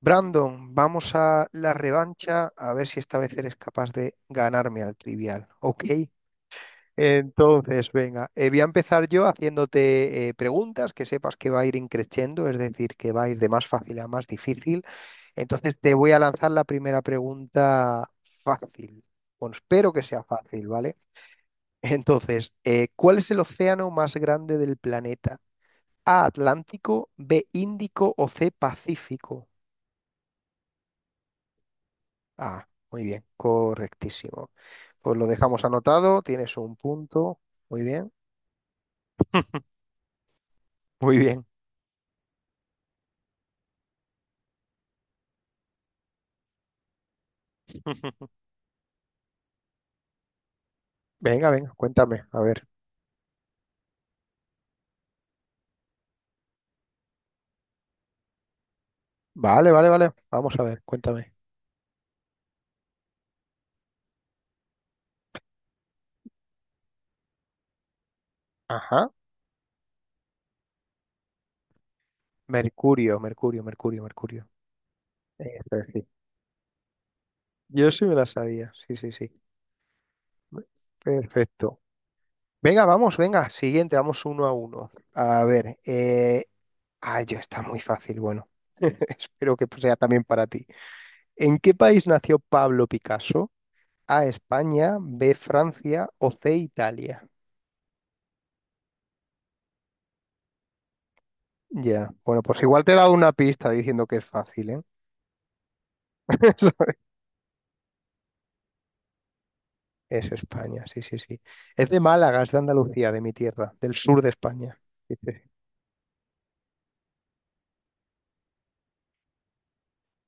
Brandon, vamos a la revancha a ver si esta vez eres capaz de ganarme al trivial, ¿ok? Entonces, venga, voy a empezar yo haciéndote preguntas que sepas que va a ir increciendo, es decir, que va a ir de más fácil a más difícil. Entonces, te voy a lanzar la primera pregunta fácil. Bueno, espero que sea fácil, ¿vale? Entonces, ¿cuál es el océano más grande del planeta? A, Atlántico, B, Índico o C, Pacífico. Ah, muy bien, correctísimo. Pues lo dejamos anotado, tienes un punto. Muy bien, muy bien. Venga, venga, cuéntame, a ver. Vale, vale, vale. Vamos a ver, cuéntame. Ajá. Mercurio, Mercurio, Mercurio, Mercurio. Eso es, sí. Yo sí me la sabía, sí, sí, sí. Perfecto. Venga, vamos, venga, siguiente, vamos uno a uno. A ver, Ay, ya está muy fácil, bueno, espero que sea también para ti. ¿En qué país nació Pablo Picasso? A España, B Francia o C Italia. Ya, bueno, pues igual te he dado una pista diciendo que es fácil, ¿eh? Es España, sí, sí, sí. Es de Málaga, es de Andalucía, de mi tierra, del sur de España. Sí, sí, sí.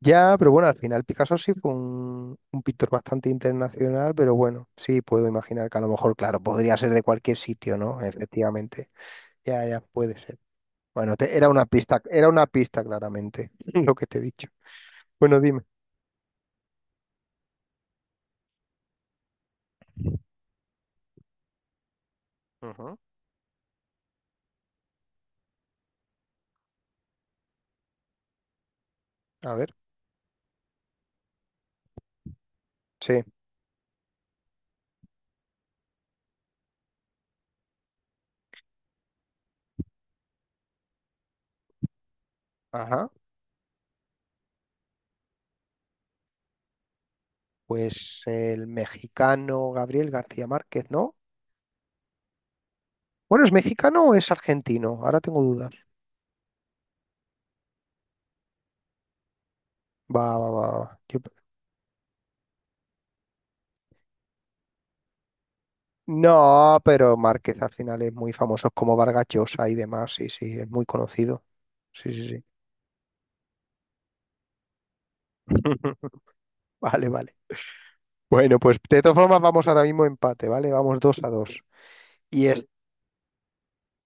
Ya, pero bueno, al final Picasso sí fue un pintor bastante internacional, pero bueno, sí puedo imaginar que a lo mejor, claro, podría ser de cualquier sitio, ¿no? Efectivamente. Ya, ya, puede ser. Bueno, era una pista claramente, lo que te he dicho. Bueno, dime. Ujú. A ver, sí, ajá. Pues el mexicano Gabriel García Márquez, ¿no? Bueno, ¿es mexicano o es argentino? Ahora tengo dudas. Va, va, va, va. No, pero Márquez al final es muy famoso, es como Vargas Llosa y demás. Sí, sí, es muy conocido. Sí, sí, sí. Vale, vale. Bueno, pues de todas formas vamos ahora mismo empate, ¿vale? Vamos dos a dos. Y es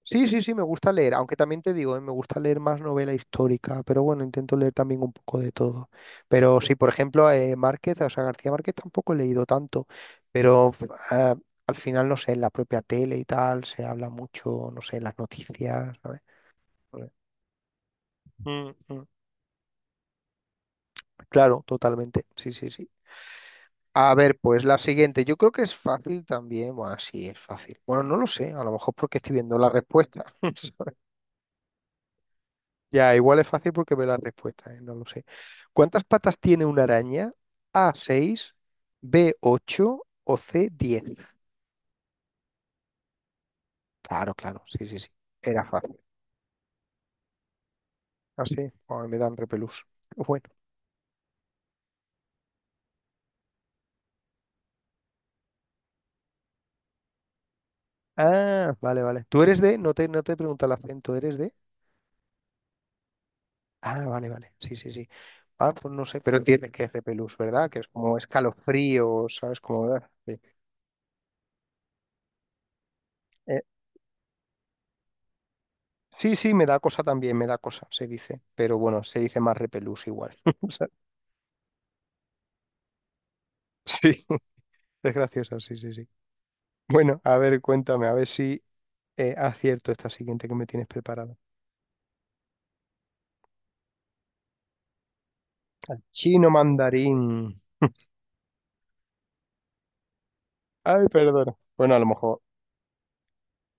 Sí, sí, sí, me gusta leer, aunque también te digo, me gusta leer más novela histórica, pero bueno, intento leer también un poco de todo. Pero sí, por ejemplo, Márquez, o sea, García Márquez tampoco he leído tanto, pero al final, no sé, en la propia tele y tal, se habla mucho, no sé, en las noticias, ¿sabes? Vale. Mm, mm. Claro, totalmente, sí, sí, sí. A ver, pues la siguiente, yo creo que es fácil también, bueno, sí, es fácil. Bueno, no lo sé, a lo mejor porque estoy viendo la respuesta. Ya, igual es fácil porque ve la respuesta, ¿eh? No lo sé. ¿Cuántas patas tiene una araña? A, 6, B, 8 o C, 10. Claro, claro, sí, sí, sí. Era fácil. Ah, sí. Ay, me dan repelús. Bueno. Ah, vale, vale. ¿Tú eres de? No te pregunta el acento, ¿eres de? Ah, vale, vale. Sí, sí, sí. Ah, pues no sé, pero entiendes que es repelús, ¿verdad? Que es como escalofrío, ¿sabes? Como... ah, sí. Eh, sí, sí, me da cosa también, me da cosa, se dice. Pero bueno, se dice más repelús igual. O sea, sí. Es graciosa, sí, sí, sí. Bueno, a ver, cuéntame, a ver si acierto esta siguiente que me tienes preparada. Chino mandarín. Ay, perdona. Bueno, a lo mejor.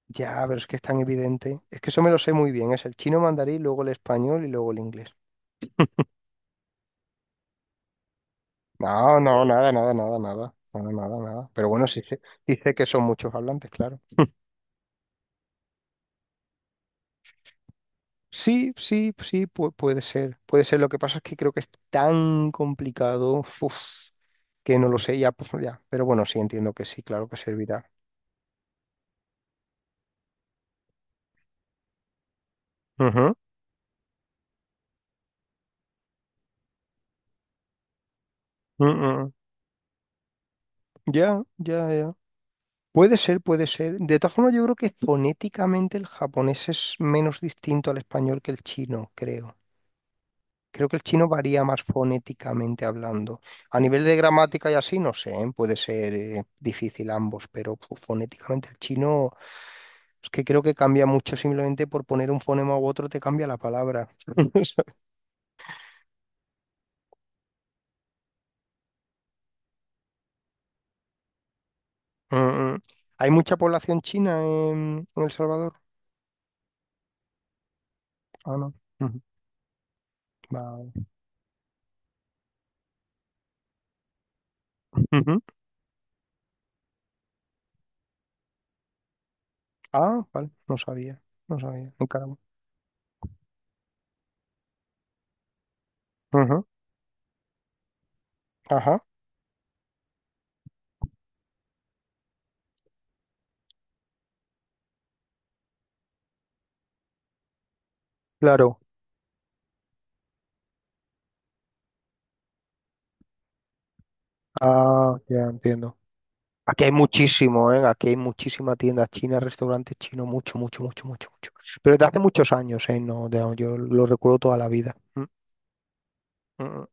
Ya, pero es que es tan evidente. Es que eso me lo sé muy bien. Es el chino mandarín, luego el español y luego el inglés. No, no, nada, nada, nada, nada. Nada, nada, nada. Pero bueno, sí sé que son muchos hablantes, claro. Sí, sí, sí, puede ser. Puede ser. Lo que pasa es que creo que es tan complicado. Uf, que no lo sé ya, pues ya. Pero bueno, sí entiendo que sí, claro que servirá. Ujú, ujú. Ya, ya, ya. Puede ser, puede ser. De todas formas, yo creo que fonéticamente el japonés es menos distinto al español que el chino, creo. Creo que el chino varía más fonéticamente hablando. A nivel de gramática y así, no sé, ¿eh? Puede ser difícil ambos, pero fonéticamente el chino es que creo que cambia mucho simplemente por poner un fonema u otro te cambia la palabra. Mm, mm. ¿Hay mucha población china en El Salvador? Ah, no. Ujú. Vale. Ujú. Ah, vale, no sabía, no sabía, no caramba. Ujú, ajá, claro. Ah, ya entiendo. Aquí hay muchísimo, ¿eh? Aquí hay muchísima tienda china, restaurantes chinos, mucho, mucho, mucho, mucho, mucho. Pero de hace muchos años, ¿eh? No, yo lo recuerdo toda la vida. Mm, mm, mm.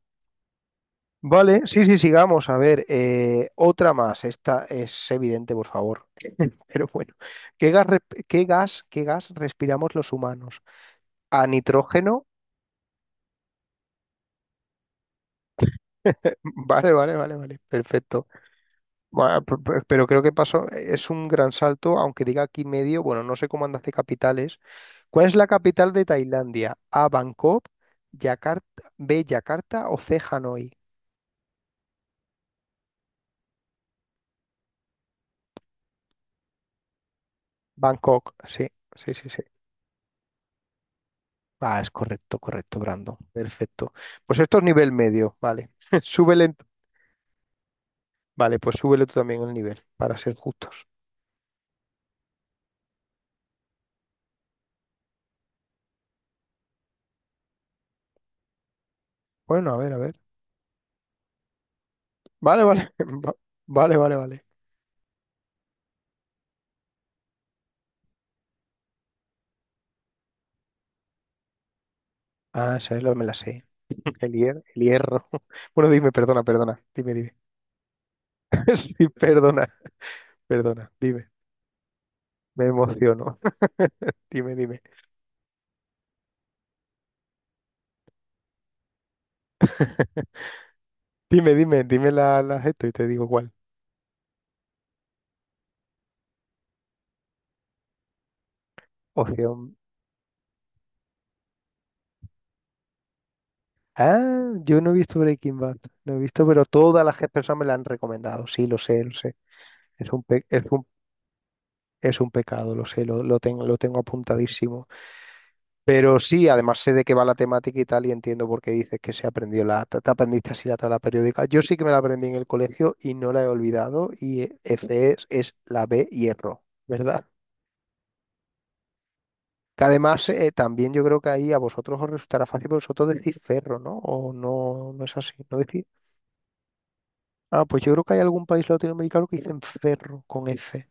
Vale, sí, sí, sigamos. A ver, otra más. Esta es evidente, por favor. Pero bueno, ¿qué gas, qué gas respiramos los humanos? A nitrógeno. Vale, vale, vale, vale. Perfecto. Bueno, pero creo que pasó, es un gran salto, aunque diga aquí medio, bueno, no sé cómo andas de capitales. ¿Cuál es la capital de Tailandia? A, Bangkok, B, Yakarta o C, Hanoi. Bangkok, sí, sí, sí, sí. Ah, es correcto, correcto, Brando. Perfecto. Pues esto es nivel medio, vale. Súbele, en- vale, pues súbele tú también el nivel, para ser justos. Bueno, a ver, a ver. Vale, vale. Vale, vale, vale. Ah, esa es la me la sé. El hierro. Bueno, dime, perdona, perdona. Dime, dime. Sí, perdona, perdona, dime, me emociono. Dime, dime, dime, dime la, las esto y te digo cuál. Ocean. Ah, yo no he visto Breaking Bad, no he visto, pero todas las personas me la han recomendado. Sí, lo sé, lo sé. Es un, pe- es un, es un pecado, lo sé, lo tengo apuntadísimo. Pero sí, además sé de qué va la temática y tal, y entiendo por qué dices que se aprendió la, te aprendiste así la tabla periódica. Yo sí que me la aprendí en el colegio y no la he olvidado, y E, F es la B hierro, ¿verdad? Que además también yo creo que ahí a vosotros os resultará fácil porque vosotros decís ferro, ¿no? O no, no es así, ¿no decís? Ah, pues yo creo que hay algún país latinoamericano que dicen ferro con F,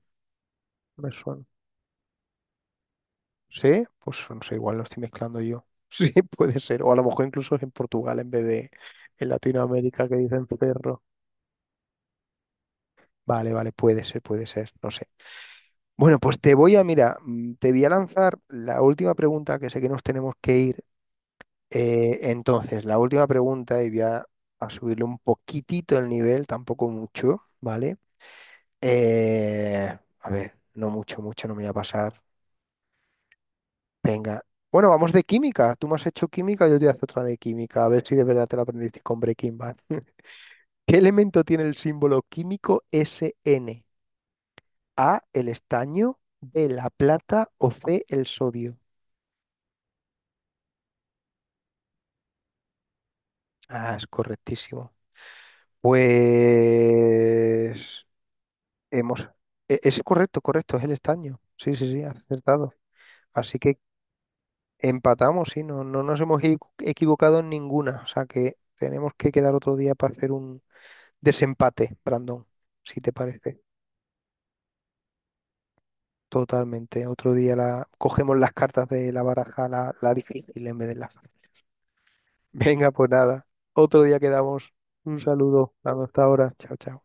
me suena. ¿Sí? Pues no sé, igual lo estoy mezclando yo. Sí, puede ser. O a lo mejor incluso es en Portugal en vez de en Latinoamérica que dicen ferro. Vale, vale, puede ser, no sé. Bueno, pues te voy a, mira, mm, te voy a lanzar la última pregunta que sé que nos tenemos que ir. Entonces, la última pregunta, y a subirle un poquitito el nivel, tampoco mucho, ¿vale? A ver, no mucho, mucho, no me voy a pasar. Venga. Bueno, vamos de química. Tú me has hecho química, yo te hago otra de química. A ver si de verdad te la aprendiste con Breaking Bad. ¿Qué elemento tiene el símbolo químico SN? A, el estaño, B, la plata o C, el sodio. Ah, es correctísimo. Pues... Hemos. Es correcto, correcto, es el estaño. Sí, sí, sí, acertado. Así que empatamos, sí, no, no nos hemos equivocado en ninguna. O sea que tenemos que quedar otro día para hacer un desempate, Brandon, si te parece. Totalmente. Otro día la... cogemos las cartas de la baraja, la difícil en vez de la fácil. Venga, pues nada. Otro día quedamos. Un saludo. Hasta ahora. Chao, chao.